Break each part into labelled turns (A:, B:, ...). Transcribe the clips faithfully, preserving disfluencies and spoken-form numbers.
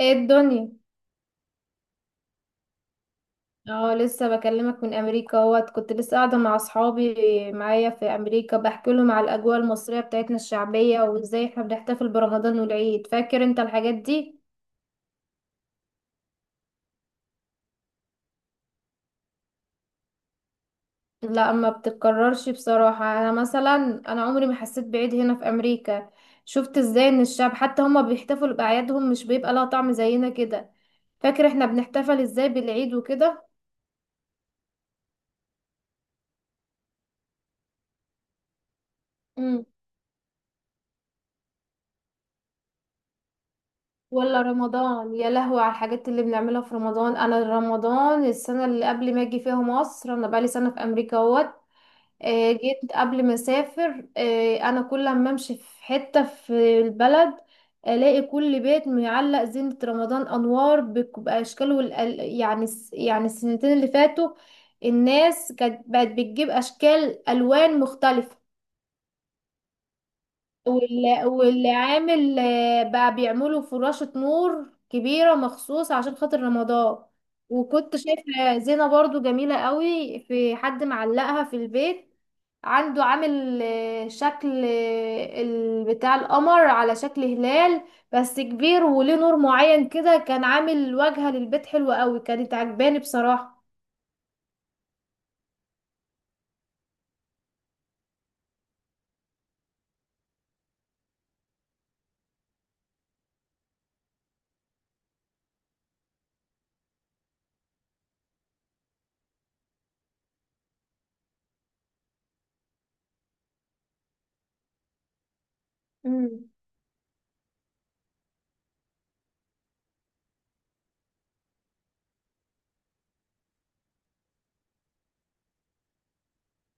A: ايه الدنيا؟ اه، لسه بكلمك من امريكا اهوت، كنت لسه قاعده مع اصحابي معايا في امريكا، بحكي لهم على الاجواء المصريه بتاعتنا الشعبيه وازاي احنا بنحتفل برمضان والعيد. فاكر انت الحاجات دي؟ لا، ما بتتكررش بصراحه. انا مثلا، انا عمري ما حسيت بعيد هنا في امريكا. شفت ازاي ان الشعب حتى هما بيحتفلوا باعيادهم، مش بيبقى لها طعم زينا كده. فاكر احنا بنحتفل ازاي بالعيد وكده؟ ولا رمضان، يا لهوي على الحاجات اللي بنعملها في رمضان. انا رمضان السنه اللي قبل ما اجي فيها مصر، انا بقالي سنه في امريكا اهوت. آه، جيت قبل ما اسافر. آه، انا كل ما امشي في حته في البلد، الاقي كل بيت معلق زينه رمضان، انوار بك- باشكال، والأل... يعني الس- يعني السنتين اللي فاتوا الناس كانت بقت بتجيب اشكال الوان مختلفه. وال- والعامل آه، بقى بيعملوا فراشة نور كبيرة مخصوص عشان خاطر رمضان. وكنت شايفة زينة برضو جميلة قوي، في حد معلقها في البيت عنده، عامل آه، شكل آه، ال- بتاع القمر على شكل هلال بس كبير، وليه نور معين كده، كان عامل واجهة للبيت حلوة قوي، كانت عجباني بصراحة. مم.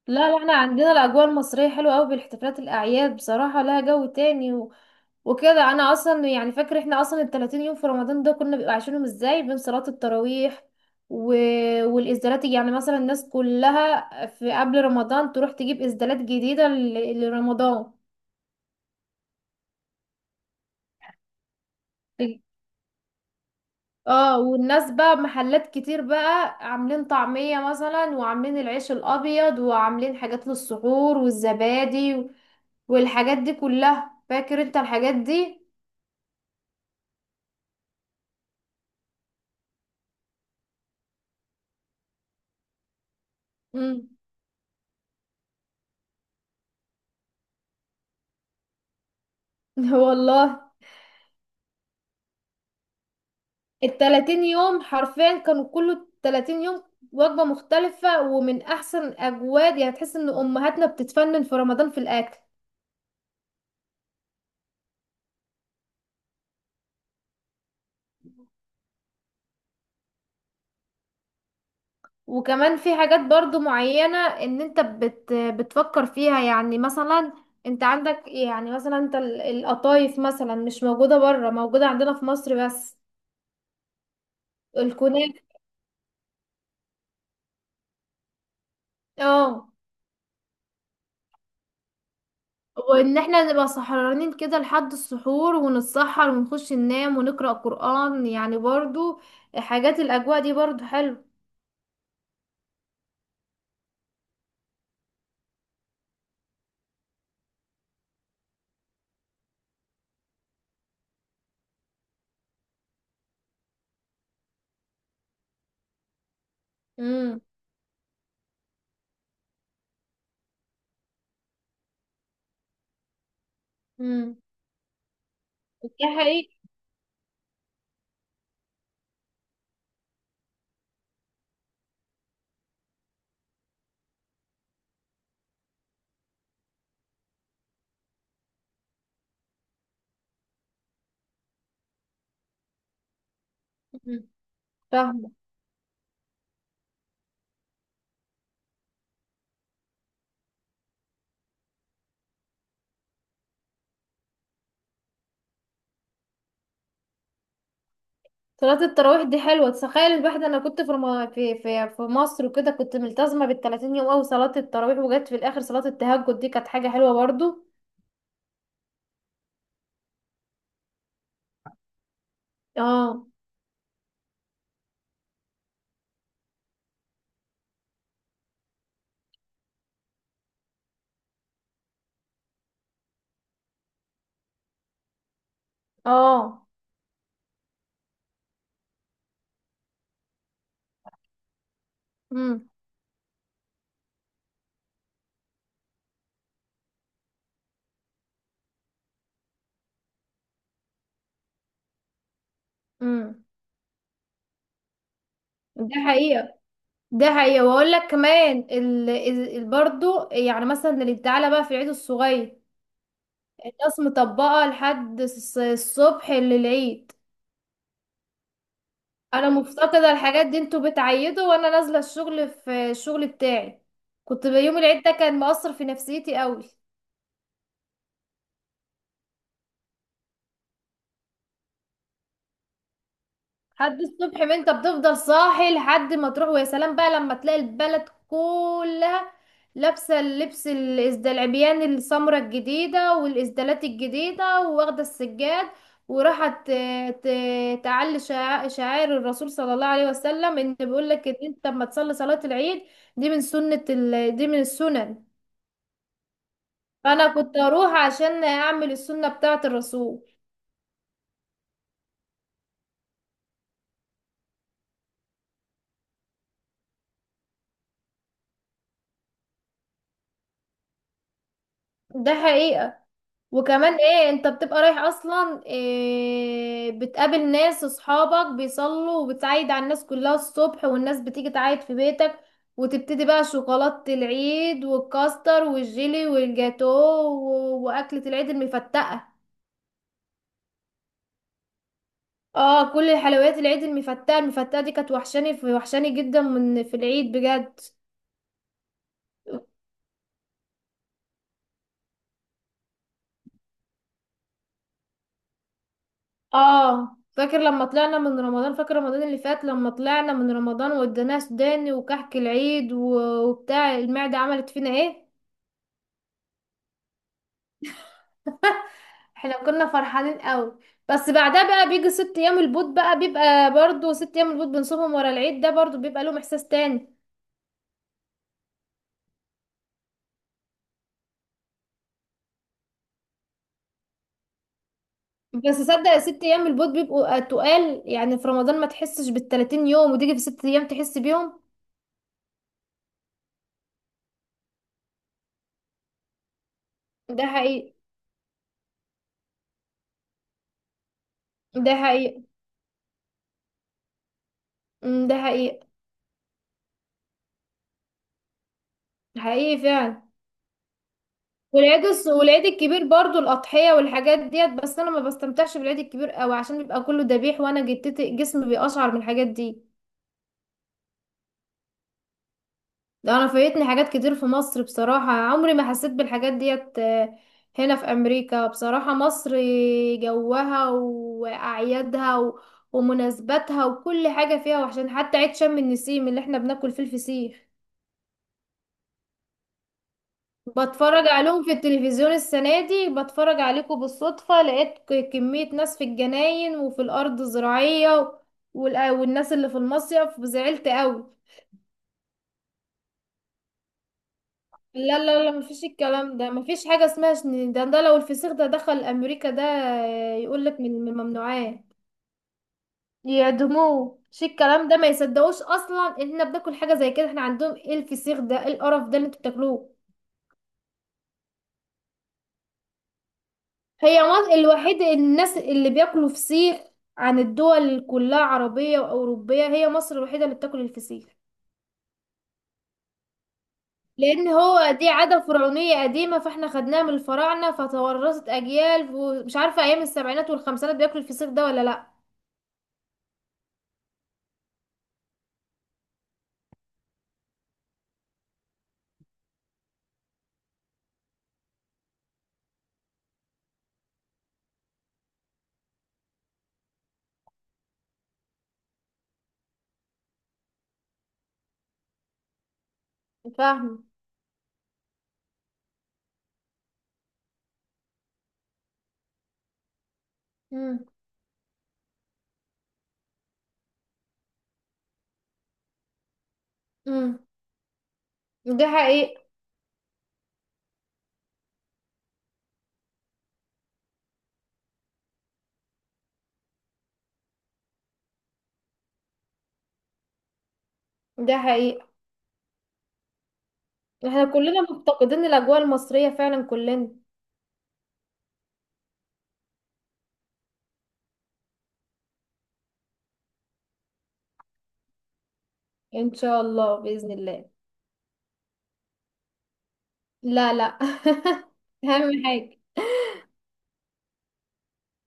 A: لا لا، احنا عندنا الاجواء المصريه حلوه قوي، بالاحتفالات الاعياد بصراحه لها جو تاني. و... وكده، انا اصلا يعني فاكره احنا اصلا ال ثلاثين يوم في رمضان ده كنا بيبقى عايشينهم ازاي، بين صلاه التراويح، و... والازدالات. يعني مثلا الناس كلها في قبل رمضان تروح تجيب ازدالات جديده ل... لرمضان. اه، والناس بقى محلات كتير بقى عاملين طعمية مثلا، وعاملين العيش الابيض، وعاملين حاجات للسحور والزبادي، والحاجات دي كلها. فاكر انت الحاجات دي؟ مم. والله. التلاتين يوم حرفيا كانوا كله تلاتين يوم وجبة مختلفة، ومن أحسن أجواد يعني، تحس إن أمهاتنا بتتفنن في رمضان في الأكل. وكمان في حاجات برضو معينة إن أنت بت بتفكر فيها، يعني مثلا أنت عندك، يعني مثلا أنت ال- القطايف مثلا مش موجودة بره، موجودة عندنا في مصر بس. الكنافة. اه، وان احنا نبقى سهرانين كده لحد السحور، ونتسحر ونخش ننام ونقرأ قرآن يعني برضو، حاجات الاجواء دي برضو حلو. امم. امم. دي حقيقة. مم. فاهمة. صلاة التراويح دي حلوة، تخيل الواحد. انا كنت في رم... في في في مصر وكده، كنت ملتزمة بالتلاتين يوم اوي صلاة التراويح، وجت في الاخر صلاة التهجد، دي كانت حاجة حلوة برضو. اه. اه. امم. امم. ده حقيقة. ده حقيقة. واقول لك كمان ال... ال... برضو، يعني مثلا اللي تعالى بقى في العيد الصغير، الناس مطبقة لحد الص- الصبح للعيد. انا مفتقدة الحاجات دي، انتوا بتعيدوا وانا نازلة الشغل، في الشغل بتاعي. كنت بيوم العيد ده كان مؤثر في نفسيتي قوي. لحد الصبح، ما انت بتفضل صاحي لحد ما تروح، ويا سلام بقى لما تلاقي البلد كلها لابسه اللبس، الازدال، العبيان، السمرة الجديده والازدالات الجديده، واخده السجاد، وراحت ت- ت- تعلي شع- شعائر الرسول صلى الله عليه وسلم. ان بيقول لك ان انت لما تصلي صلاه العيد، دي من سنه ال... دي من السنن. فانا كنت اروح عشان اعمل السنه بتاعه الرسول. ده حقيقه. وكمان ايه، انت بتبقى رايح اصلا، إيه، بتقابل ناس، اصحابك بيصلوا، وبتعيد على الناس كلها الصبح، والناس بتيجي تعيد في بيتك، وتبتدي بقى شوكولاتة العيد والكاستر والجيلي والجاتو و- واكلة العيد المفتقة. اه، كل الحلويات العيد، المفتقة المفتقة دي كانت وحشاني، في وحشاني جدا من في العيد بجد. اه، فاكر لما طلعنا من رمضان؟ فاكر رمضان اللي فات لما طلعنا من رمضان، وادانا سوداني وكحك العيد، و- وبتاع المعدة عملت فينا ايه؟ احنا كنا فرحانين قوي. بس بعدها بقى بيجي ست ايام البوت بقى، بيبقى برضو ست ايام البوت بنصومهم ورا العيد ده، برضو بيبقى لهم احساس تاني. بس صدق، ست ايام البوت بيبقوا تقال، يعني في رمضان ما تحسش بالتلاتين يوم، وتيجي في ست ايام تحس بيهم. ده حقيقي. ده حقيقي. أمم، ده حقيقي. حقيقي فعلا. والعيد الص- والعيد الكبير برضو، الأضحية والحاجات ديت. بس أنا ما بستمتعش بالعيد الكبير قوي، عشان بيبقى كله ذبيح، وأنا جتتي جسمي بيقشعر من الحاجات دي. ده أنا فايتني حاجات كتير في مصر بصراحة، عمري ما حسيت بالحاجات ديت آه، هنا في أمريكا. بصراحة مصر، جوها وأعيادها و- ومناسباتها وكل حاجة فيها. وعشان حتى عيد شم النسيم اللي احنا بناكل فيه الفسيخ، بتفرج عليهم في التلفزيون. السنة دي بتفرج عليكم بالصدفة، لقيت ك- كمية ناس في الجناين وفي الأرض الزراعية، والأ- والناس اللي في المصيف زعلت قوي. لا لا لا، مفيش الكلام ده، مفيش حاجة اسمها شن- ده ده لو الفسيخ ده دخل أمريكا، ده يقولك من من الممنوعات. يعدموه. مش الكلام ده، ما يصدقوش أصلا إن احنا بناكل حاجة زي كده. احنا عندهم ايه الفسيخ ده؟ ايه القرف ده اللي انتوا بتاكلوه؟ هي مصر الوحيدة الناس اللي بياكلوا فسيخ، عن الدول كلها عربية وأوروبية، هي مصر الوحيدة اللي بتاكل الفسيخ، لأن هو دي عادة فرعونية قديمة، فاحنا خدناها من الفراعنة فتورثت أجيال. ومش عارفة أيام السبعينات والخمسينات بياكلوا الفسيخ ده ولا لأ. فاهمة. امم. امم. ده حقيقي. ده حقيقي. احنا كلنا مفتقدين الأجواء المصرية فعلا، كلنا. إن شاء الله، بإذن الله. لا لا. أهم حاجة.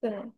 A: تمام.